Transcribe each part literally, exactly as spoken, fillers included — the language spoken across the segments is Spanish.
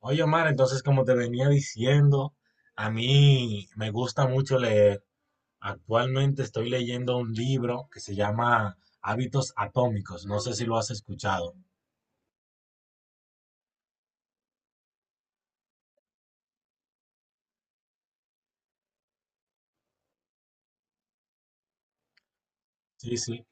Oye, Omar, entonces como te venía diciendo, a mí me gusta mucho leer. Actualmente estoy leyendo un libro que se llama Hábitos Atómicos. No sé si lo has escuchado. Sí, sí.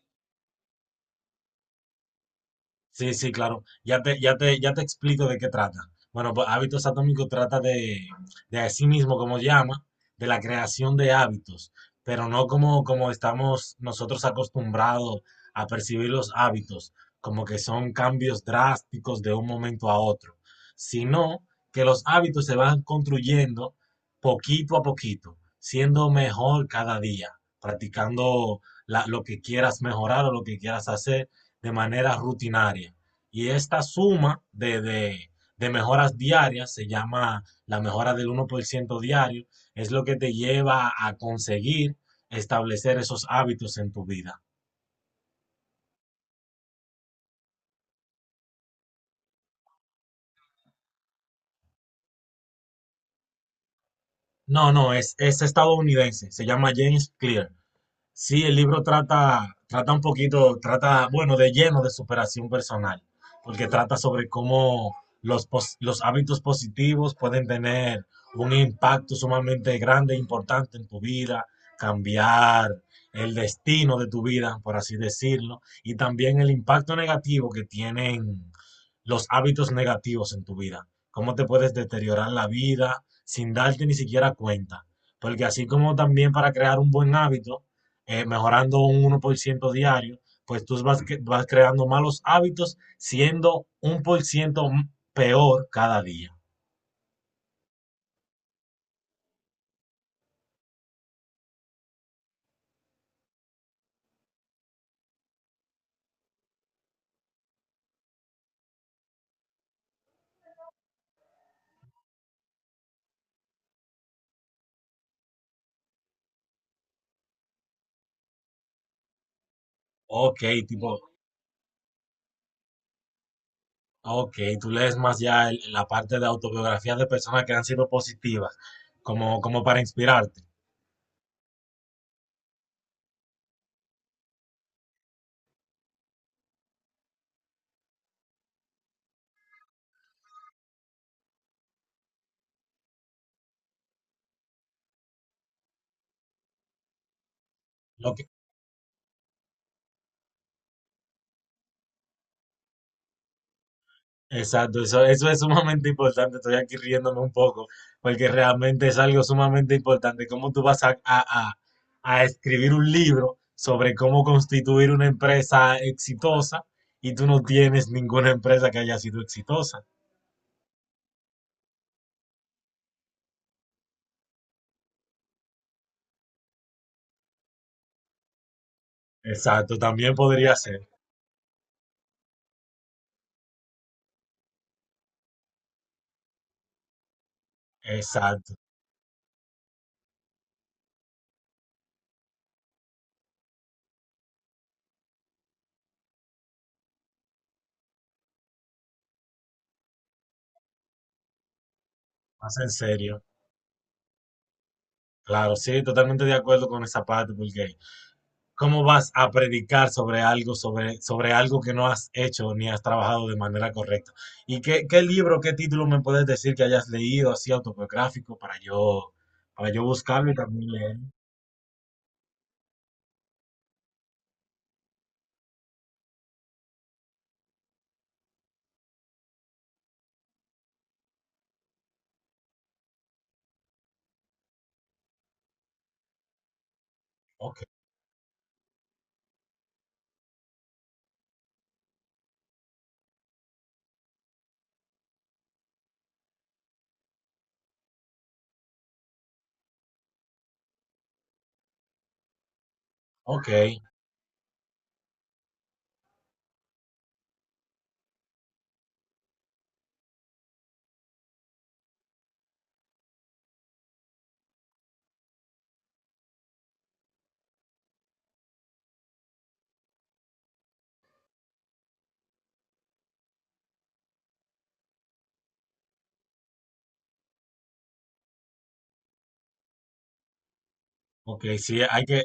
Sí, sí, claro. Ya te, ya te, ya te explico de qué trata. Bueno, pues hábitos atómicos trata de, de así mismo, como llama, de la creación de hábitos, pero no como, como estamos nosotros acostumbrados a percibir los hábitos, como que son cambios drásticos de un momento a otro, sino que los hábitos se van construyendo poquito a poquito, siendo mejor cada día, practicando la- lo que quieras mejorar o lo que quieras hacer de manera rutinaria. Y esta suma de, de, de mejoras diarias se llama la mejora del uno por ciento diario, es lo que te lleva a conseguir establecer esos hábitos en tu vida. No, no, es, es estadounidense, se llama James Clear. Sí, el libro trata, trata un poquito, trata, bueno, de lleno de superación personal, porque trata sobre cómo los, pos- los hábitos positivos pueden tener un impacto sumamente grande e importante en tu vida, cambiar el destino de tu vida, por así decirlo, y también el impacto negativo que tienen los hábitos negativos en tu vida, cómo te puedes deteriorar la vida sin darte ni siquiera cuenta, porque así como también para crear un buen hábito, eh, mejorando un uno por ciento diario, pues tú vas, vas creando malos hábitos siendo un por ciento peor cada día. Ok, tipo, ok, tú lees más ya el- la parte de autobiografías de personas que han sido positivas, como, como para inspirarte. Lo que, Exacto, eso, eso es sumamente importante. Estoy aquí riéndome un poco, porque realmente es algo sumamente importante. ¿Cómo tú vas a, a- a- a escribir un libro sobre cómo constituir una empresa exitosa y tú no tienes ninguna empresa que haya sido exitosa? Exacto, también podría ser. Exacto, más en serio. Claro, sí, totalmente de acuerdo con esa parte, porque ¿cómo vas a predicar sobre algo, sobre, sobre algo que no has hecho ni has trabajado de manera correcta? ¿Y qué, qué libro, qué título me puedes decir que hayas leído así autobiográfico para yo, para yo buscarlo y también leer? Ok, ok, ok, sí, hay que,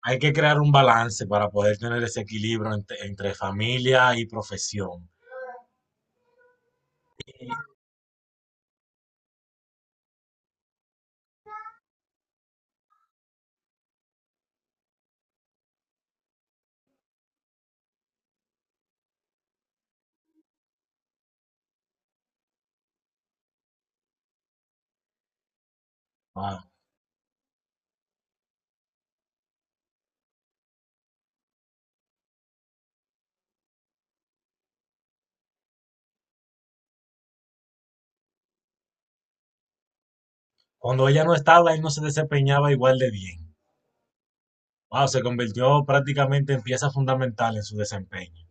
hay que crear un balance para poder tener ese equilibrio entre entre, familia y profesión. Ah, cuando ella no estaba, él no se desempeñaba igual de bien. Wow, se convirtió prácticamente en pieza fundamental en su desempeño.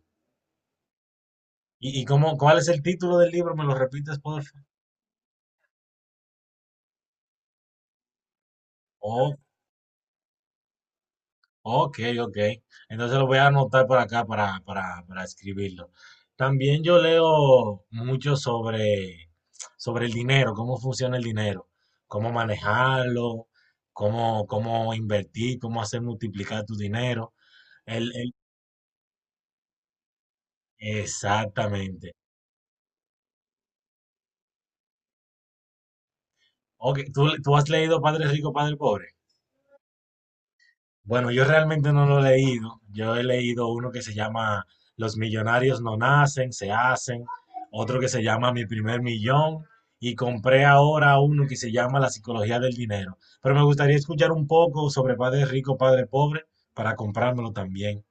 ¿Y, y cómo, cuál es el título del libro? ¿Me lo repites, por favor? Oh, ok, ok. Entonces lo voy a anotar por acá para, para, para escribirlo. También yo leo mucho sobre, sobre el dinero, cómo funciona el dinero, cómo manejarlo, cómo, cómo invertir, cómo hacer multiplicar tu dinero. El, el- exactamente. Ok, ¿tú, tú has leído Padre Rico, Padre Pobre? Bueno, yo realmente no lo he leído. Yo he leído uno que se llama Los millonarios no nacen, se hacen. Otro que se llama Mi primer millón. Y compré ahora uno que se llama La psicología del dinero. Pero me gustaría escuchar un poco sobre Padre Rico, Padre Pobre para comprármelo también.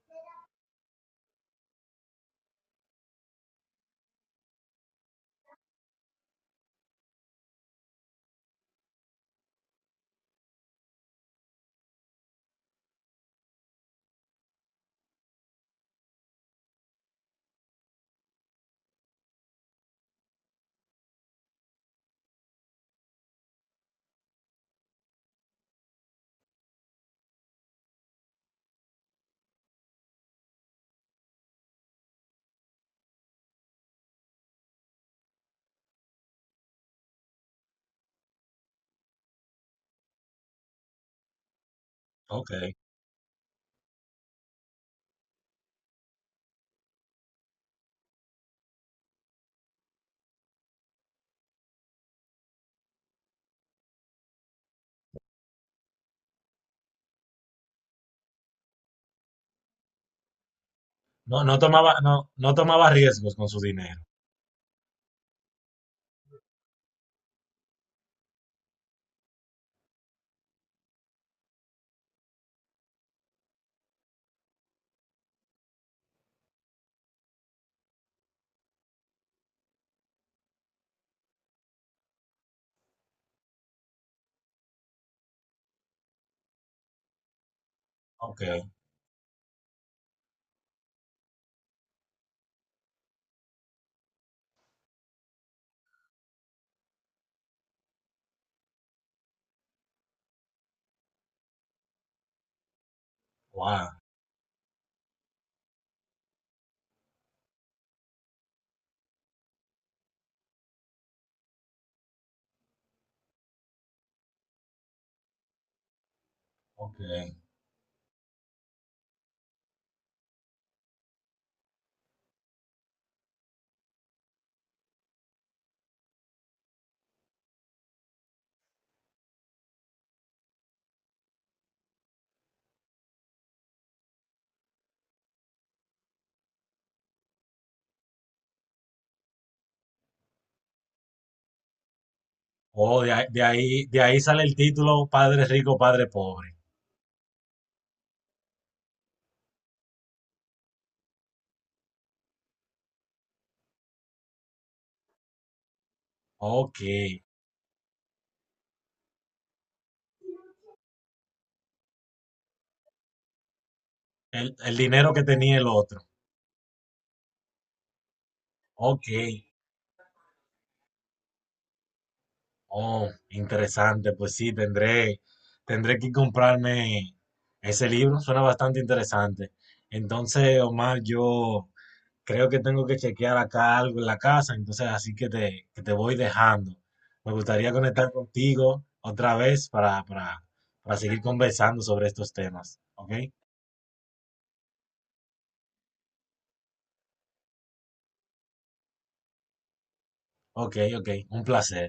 Ok. No, no tomaba, no, no tomaba riesgos con su dinero. Ok. Wow. Ok. Oh, de, ahí, de ahí de ahí sale el título Padre Rico, Padre Pobre. Ok. El, el dinero que tenía el otro. Ok, oh, interesante, pues sí, tendré, tendré que comprarme ese libro, suena bastante interesante. Entonces, Omar, yo creo que tengo que chequear acá algo en la casa, entonces así que te, que te voy dejando. Me gustaría conectar contigo otra vez para, para, para seguir conversando sobre estos temas, ¿ok? Ok, ok, un placer.